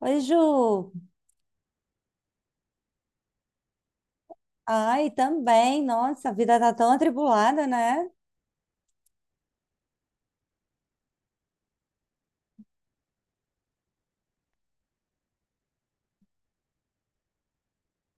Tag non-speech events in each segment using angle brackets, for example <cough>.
Oi, Ju. Ai, também. Nossa, a vida tá tão atribulada, né?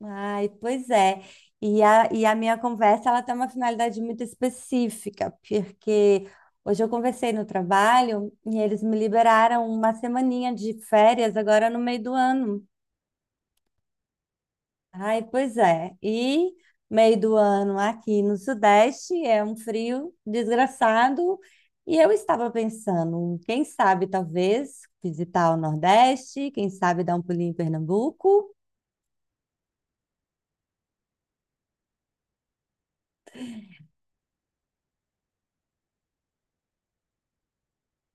Ai, pois é. E a minha conversa, ela tem uma finalidade muito específica, porque hoje eu conversei no trabalho e eles me liberaram uma semaninha de férias agora no meio do ano. Ai, pois é. E meio do ano aqui no Sudeste é um frio desgraçado. E eu estava pensando, quem sabe talvez visitar o Nordeste, quem sabe dar um pulinho em Pernambuco.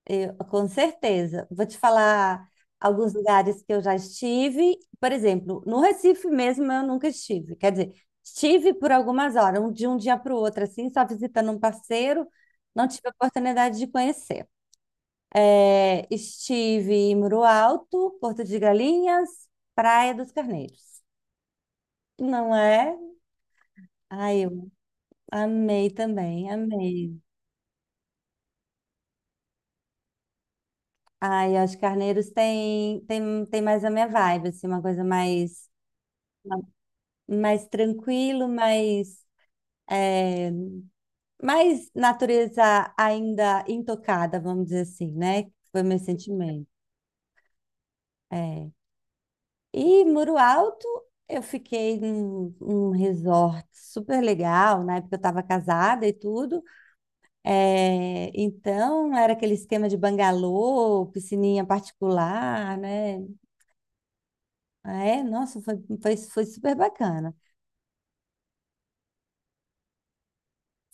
Eu, com certeza. Vou te falar alguns lugares que eu já estive. Por exemplo, no Recife mesmo eu nunca estive. Quer dizer, estive por algumas horas, de um dia para o outro, assim, só visitando um parceiro. Não tive a oportunidade de conhecer. É, estive em Muro Alto, Porto de Galinhas, Praia dos Carneiros. Não é? Ai, eu amei também, amei. Ai, acho que Carneiros tem mais a minha vibe, assim, uma coisa mais, mais tranquilo, mais, é, mais natureza ainda intocada, vamos dizer assim, né? Foi meu sentimento. É. E Muro Alto, eu fiquei num resort super legal, na época eu estava casada e tudo. É, então, era aquele esquema de bangalô, piscininha particular, né? Ah, é, nossa, foi super bacana.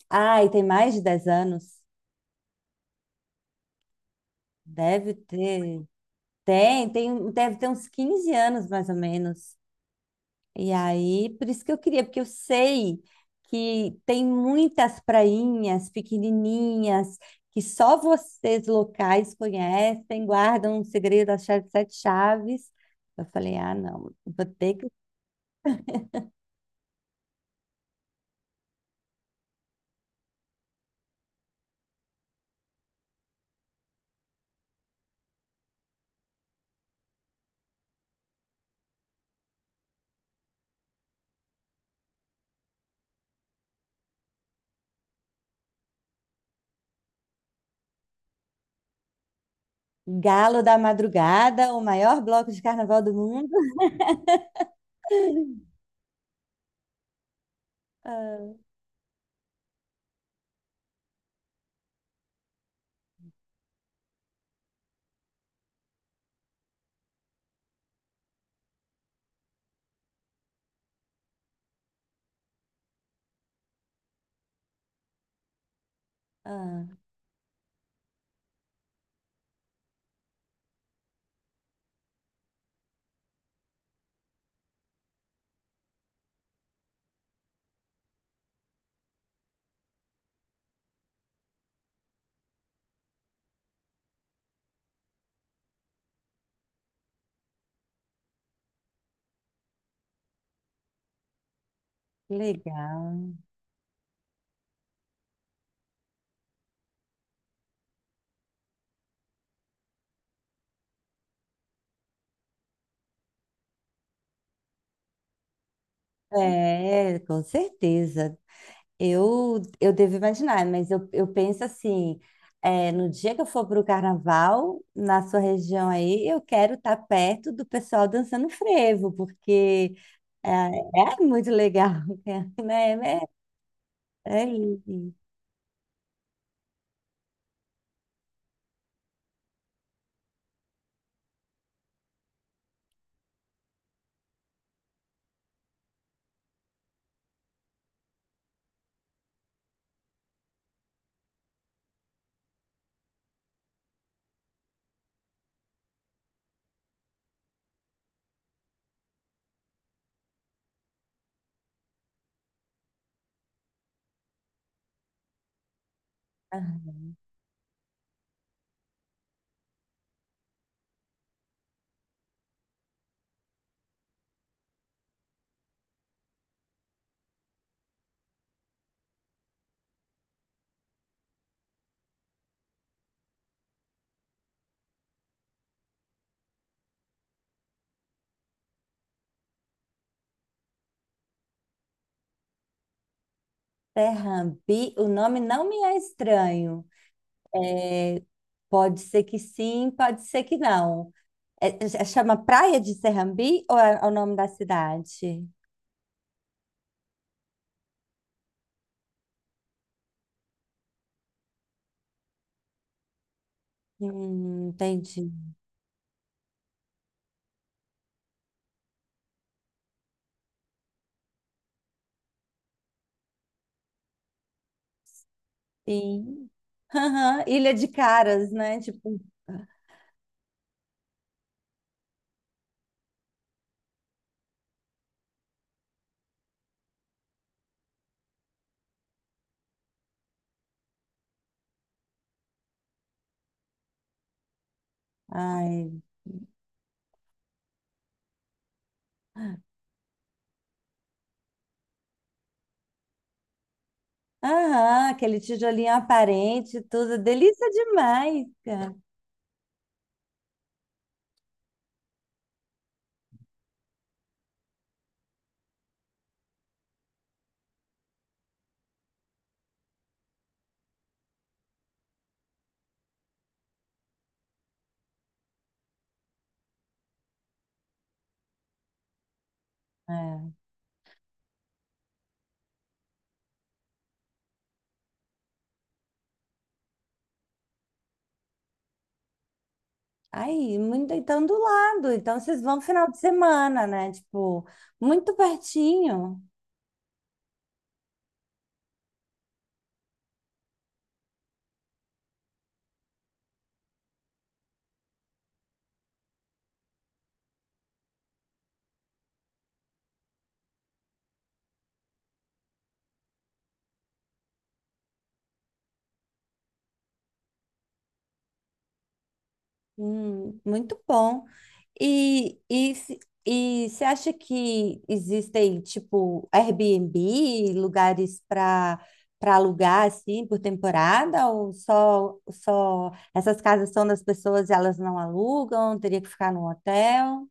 Ah, e tem mais de 10 anos. Deve ter. Deve ter uns 15 anos, mais ou menos. E aí, por isso que eu queria, porque eu sei que tem muitas prainhas pequenininhas que só vocês locais conhecem, guardam um segredo, a chave de sete chaves. Eu falei, ah, não, vou ter que... Galo da Madrugada, o maior bloco de carnaval do mundo. <laughs> Ah, ah, legal. É, com certeza. Eu devo imaginar, mas eu penso assim, é, no dia que eu for para o carnaval, na sua região aí, eu quero estar perto do pessoal dançando frevo, porque é muito legal, <laughs> né? É lindo. Serrambi, o nome não me é estranho. Pode ser que sim, pode ser que não. É- chama Praia de Serrambi ou é, é o nome da cidade? Entendi. Sim. Aham, Ilha de Caras, né? Tipo, ai. Aham, aquele tijolinho aparente, e tudo. Delícia demais, cara. É. Aí, muito, então do lado. Então vocês vão final de semana, né? Tipo, muito pertinho. Muito bom. E, se- e você acha que existem, tipo, Airbnb, lugares para alugar, assim, por temporada? Ou só essas casas são das pessoas e elas não alugam? Teria que ficar no hotel?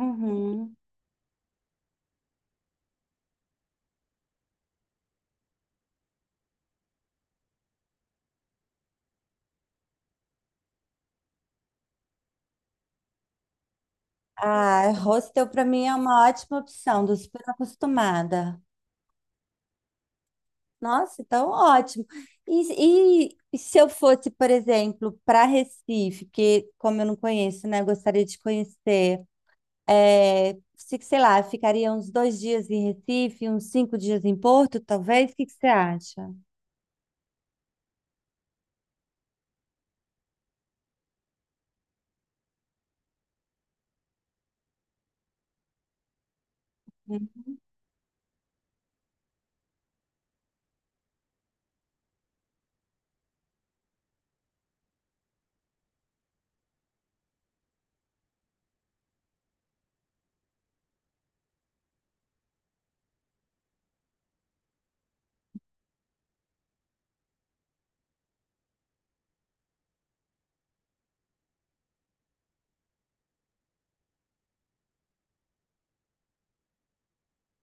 Uhum. Ah, hostel para mim é uma ótima opção, tô super acostumada. Nossa, então ótimo. E se eu fosse, por exemplo, para Recife, que como eu não conheço, né, eu gostaria de conhecer, é, sei lá, ficaria uns 2 dias em Recife, uns 5 dias em Porto, talvez? O que que você acha? Uhum.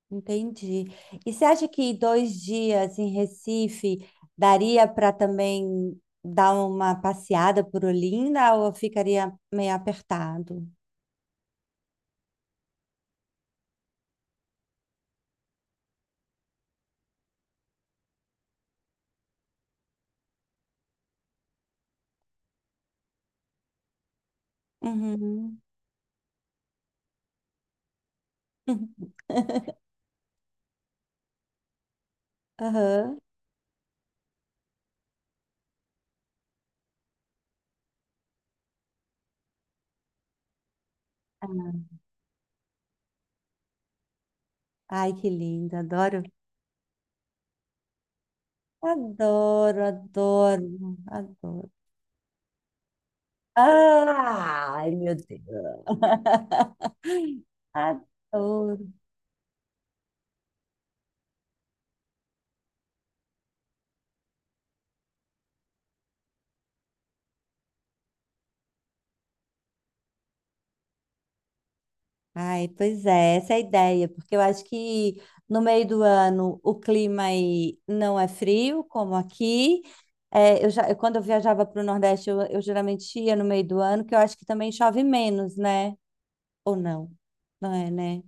Entendi. E você acha que 2 dias em Recife daria para também dar uma passeada por Olinda ou eu ficaria meio apertado? Uhum. <laughs> Aham. Ai, que lindo, adoro. Adoro, adoro, adoro. Ai, meu Deus. <laughs> Adoro. Ai, pois é, essa é a ideia, porque eu acho que no meio do ano o clima aí não é frio, como aqui. É, eu já, eu- quando eu viajava para o Nordeste, eu geralmente ia no meio do ano, que eu acho que também chove menos, né? Ou não? Não é, né?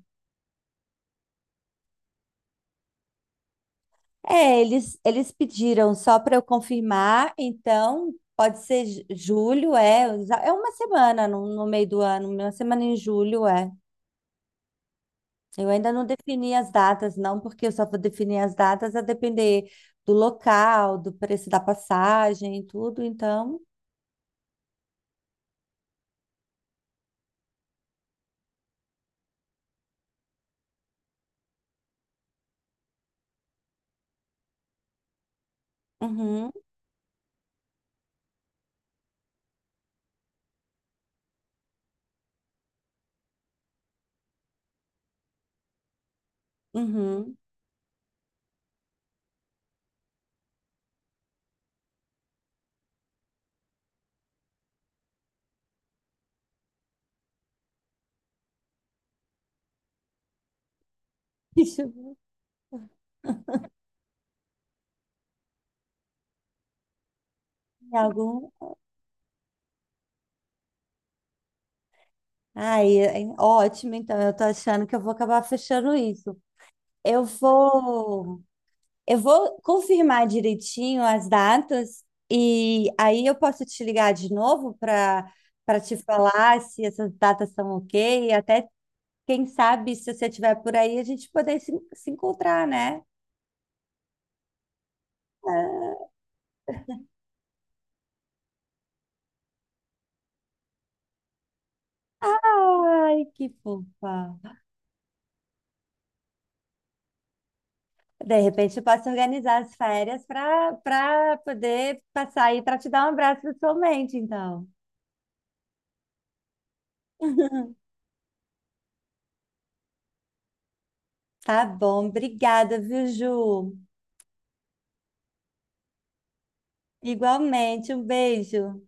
É, eles pediram só para eu confirmar, então pode ser julho, é, é uma semana no meio do ano, uma semana em julho, é. Eu ainda não defini as datas, não, porque eu só vou definir as datas a depender do local, do preço da passagem e tudo, então. Uhum, uhum. <laughs> Deixa eu ver. Tem algum? Ai, é, ótimo, então eu tô achando que eu vou acabar fechando isso. Eu vou. Eu vou confirmar direitinho as datas e aí eu posso te ligar de novo para te falar se essas datas são ok, e até quem sabe se você estiver por aí a gente poder se encontrar, né? Ai, que fofa. De repente eu posso organizar as férias para poder passar aí para te dar um abraço pessoalmente, então. Tá bom, obrigada, viu, Ju? Igualmente, um beijo.